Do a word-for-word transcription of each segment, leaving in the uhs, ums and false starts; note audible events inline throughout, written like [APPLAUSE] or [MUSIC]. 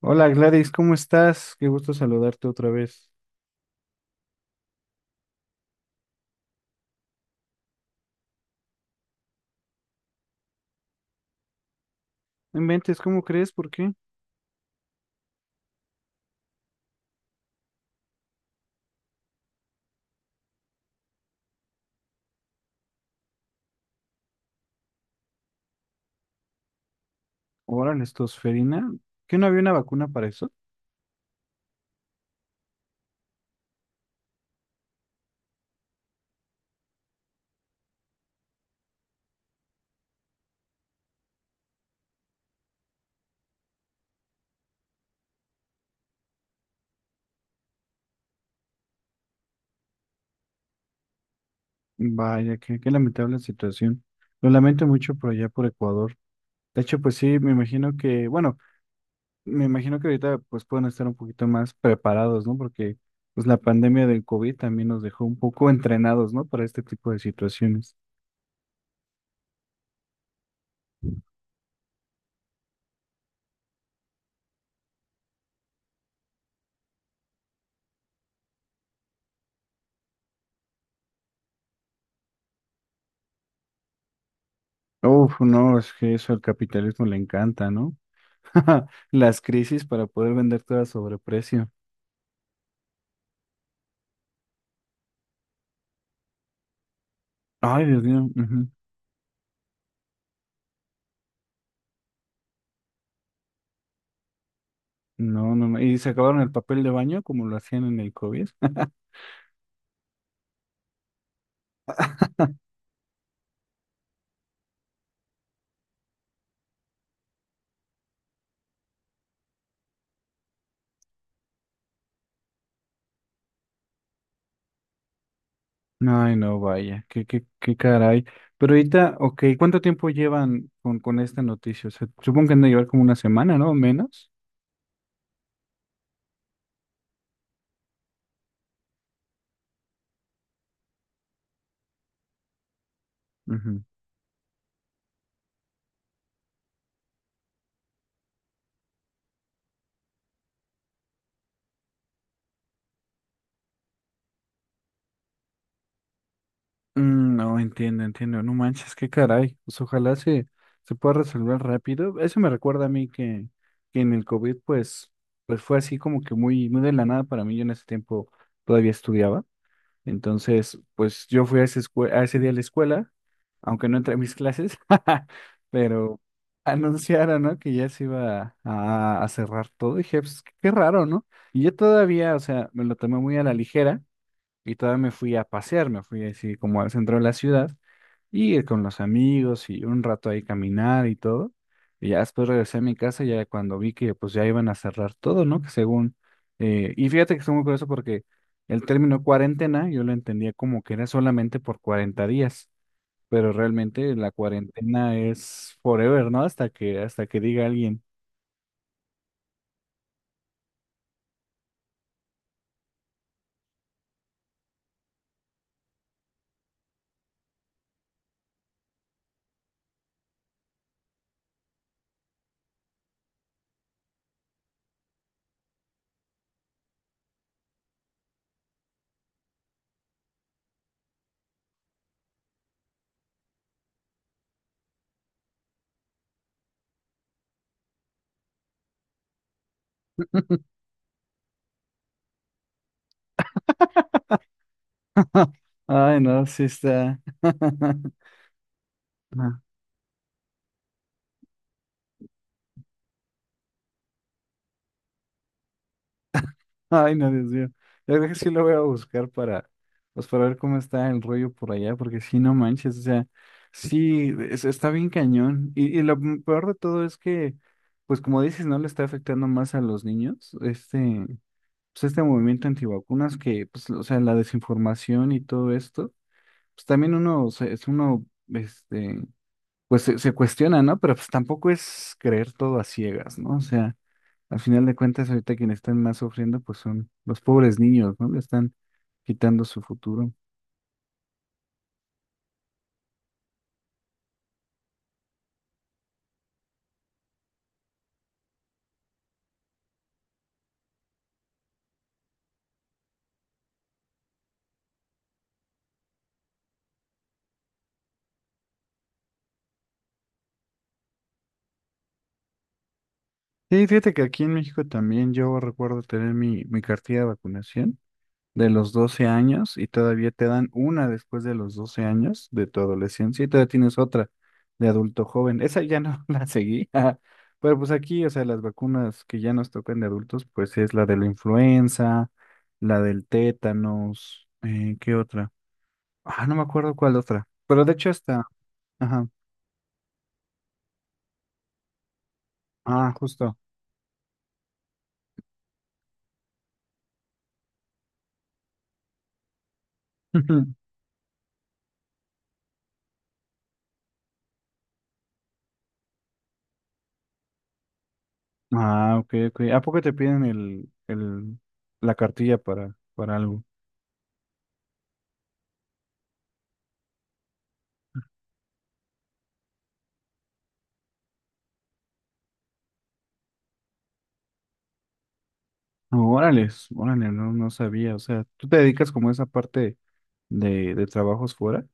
Hola Gladys, ¿cómo estás? Qué gusto saludarte otra vez. No inventes, ¿cómo crees? ¿Por qué? Órale, estosferina. ¿Qué no había una vacuna para eso? Vaya, qué, qué lamentable situación. Lo lamento mucho por allá por Ecuador. De hecho, pues sí, me imagino que, bueno, me imagino que ahorita pues pueden estar un poquito más preparados, ¿no? Porque pues la pandemia del COVID también nos dejó un poco entrenados, ¿no? Para este tipo de situaciones. Uf, no, es que eso al capitalismo le encanta, ¿no? [LAUGHS] Las crisis para poder vender todo a sobreprecio. Ay, Dios mío. Ujú. No, no, no. Y se acabaron el papel de baño como lo hacían en el COVID. [LAUGHS] Ay, no, vaya, qué, qué, qué caray. Pero ahorita, ok, ¿cuánto tiempo llevan con, con esta noticia? O sea, supongo que han de llevar como una semana, ¿no? Menos. Ujú. Mm, no, entiendo, entiendo. No manches, qué caray. Pues ojalá se, se pueda resolver rápido. Eso me recuerda a mí que, que en el COVID, pues, pues fue así como que muy, muy de la nada para mí. Yo en ese tiempo todavía estudiaba. Entonces, pues yo fui a ese, escue- a ese día a la escuela, aunque no entré a mis clases, [LAUGHS] pero anunciaron, ¿no? Que ya se iba a, a cerrar todo. Y dije, pues, qué raro, ¿no? Y yo todavía, o sea, me lo tomé muy a la ligera y todavía me fui a pasear, me fui así como al centro de la ciudad y eh, con los amigos y un rato ahí caminar y todo. Y ya después regresé a mi casa ya cuando vi que pues ya iban a cerrar todo, ¿no? Que según… eh, y fíjate que estoy muy curioso porque el término cuarentena yo lo entendía como que era solamente por cuarenta días, pero realmente la cuarentena es forever, ¿no? Hasta que, hasta que diga alguien. [LAUGHS] Ay, no, sí está. [LAUGHS] Ay, no, Dios mío. Yo creo que sí lo voy a buscar para, pues, para ver cómo está el rollo por allá, porque sí, no manches, o sea, sí, es- está bien cañón. Y, y lo m- peor de todo es que, pues como dices, no le está afectando más a los niños, este, pues este movimiento antivacunas que, pues, o sea, la desinformación y todo esto, pues también uno, o sea, es uno, este, pues se, se cuestiona, ¿no? Pero pues tampoco es creer todo a ciegas, ¿no? O sea, al final de cuentas, ahorita quienes están más sufriendo, pues son los pobres niños, ¿no? Le están quitando su futuro. Sí, fíjate que aquí en México también yo recuerdo tener mi, mi cartilla de vacunación de los doce años y todavía te dan una después de los doce años de tu adolescencia y todavía tienes otra de adulto joven. Esa ya no [LAUGHS] la seguí. Ajá. Pero pues aquí, o sea, las vacunas que ya nos tocan de adultos, pues es la de la influenza, la del tétanos, eh, ¿qué otra? Ah, no me acuerdo cuál otra. Pero de hecho está. Ajá. Ah, justo. [LAUGHS] Ah, ok, ok. ¿A poco te piden el, el, la cartilla para, para algo? No, órale, órale, no, no sabía. O sea, ¿tú te dedicas como a esa parte de, de trabajos fuera?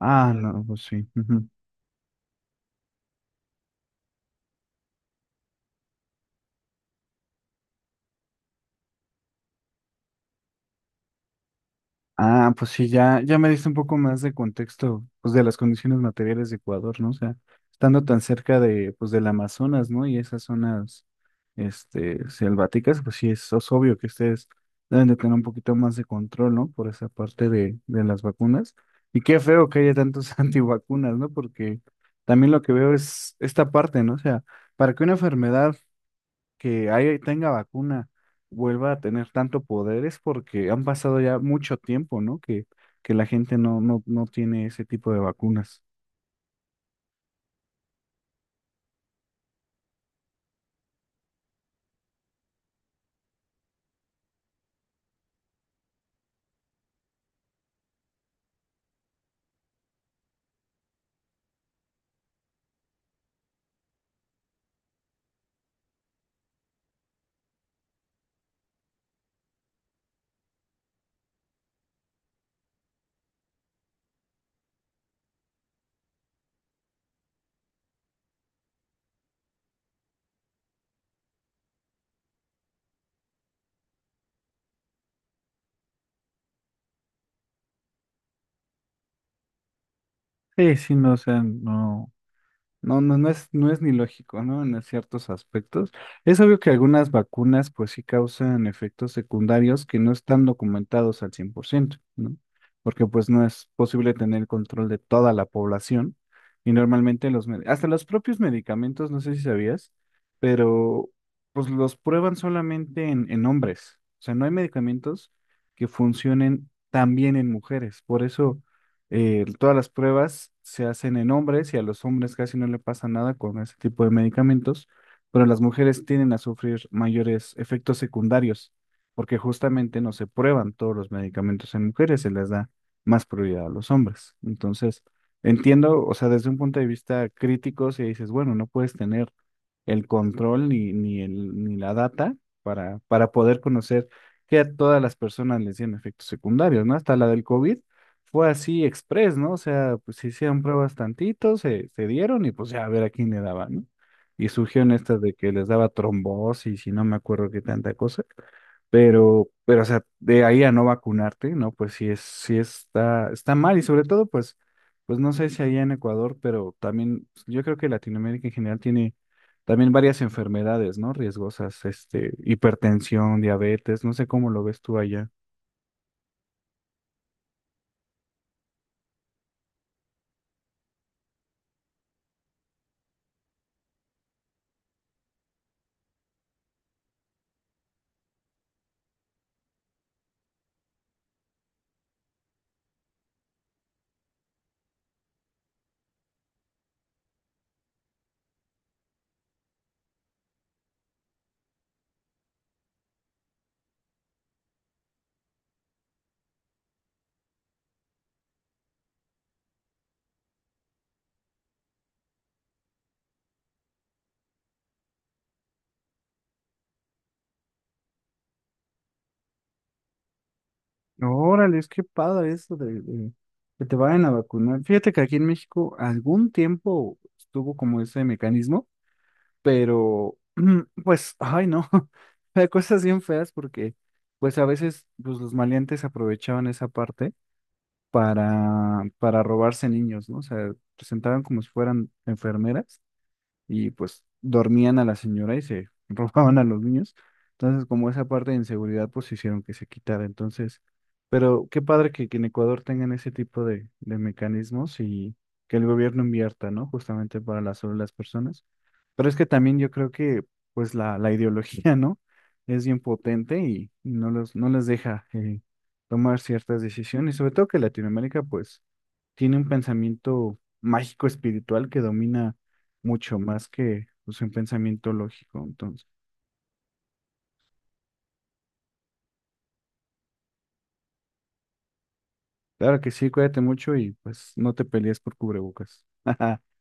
Ah, no, pues sí. Ah, pues sí, ya, ya me diste un poco más de contexto, pues de las condiciones materiales de Ecuador, ¿no? O sea, estando tan cerca de, pues del Amazonas, ¿no? Y esas zonas, este, selváticas, pues sí, es, es obvio que ustedes deben de tener un poquito más de control, ¿no? Por esa parte de, de las vacunas. Y qué feo que haya tantos [LAUGHS] antivacunas, ¿no? Porque también lo que veo es esta parte, ¿no? O sea, para que una enfermedad que ahí tenga vacuna vuelva a tener tanto poderes porque han pasado ya mucho tiempo, ¿no? Que, que la gente no, no, no tiene ese tipo de vacunas. Sí, sí, no, o sea, no. No, no, no es, no es ni lógico, ¿no? En ciertos aspectos. Es obvio que algunas vacunas, pues sí causan efectos secundarios que no están documentados al cien por ciento, ¿no? Porque pues no es posible tener control de toda la población y normalmente los, med- hasta los propios medicamentos, no sé si sabías, pero pues los prueban solamente en, en hombres. O sea, no hay medicamentos que funcionen tan bien en mujeres. Por eso eh, todas las pruebas se hacen en hombres y a los hombres casi no le pasa nada con ese tipo de medicamentos, pero las mujeres tienden a sufrir mayores efectos secundarios porque justamente no se prueban todos los medicamentos en mujeres, se les da más prioridad a los hombres. Entonces, entiendo, o sea, desde un punto de vista crítico, si dices, bueno, no puedes tener el control ni, ni, el, ni la data para, para poder conocer que a todas las personas les tienen efectos secundarios, ¿no? Hasta la del COVID fue así express, ¿no? O sea, pues se hicieron pruebas tantito, se, se dieron y pues ya a ver a quién le daba, ¿no? Y surgieron estas de que les daba trombosis y no me acuerdo qué tanta cosa, pero, pero, o sea, de ahí a no vacunarte, ¿no? Pues sí es, sí está, está mal y sobre todo, pues, pues, no sé si allá en Ecuador, pero también pues, yo creo que Latinoamérica en general tiene también varias enfermedades, ¿no? Riesgosas, este, hipertensión, diabetes, no sé cómo lo ves tú allá. Órale, es que padre eso de, de que te vayan a vacunar. Fíjate que aquí en México algún tiempo estuvo como ese mecanismo, pero [CLEARS THROAT] pues, ay no, [LAUGHS] hay cosas bien feas porque pues a veces pues, los maleantes aprovechaban esa parte para, para robarse niños, ¿no? O sea, presentaban como si fueran enfermeras y pues dormían a la señora y se [LAUGHS] robaban a los niños. Entonces, como esa parte de inseguridad, pues hicieron que se quitara. Entonces, pero qué padre que, que en Ecuador tengan ese tipo de, de mecanismos y que el gobierno invierta, ¿no? Justamente para las, sobre las personas. Pero es que también yo creo que pues la, la ideología, ¿no? Es bien potente y, y no los, no les deja eh, tomar ciertas decisiones. Sobre todo que Latinoamérica pues tiene un pensamiento mágico espiritual que domina mucho más que pues, un pensamiento lógico. Entonces, claro que sí, cuídate mucho y pues no te pelees por cubrebocas. [LAUGHS]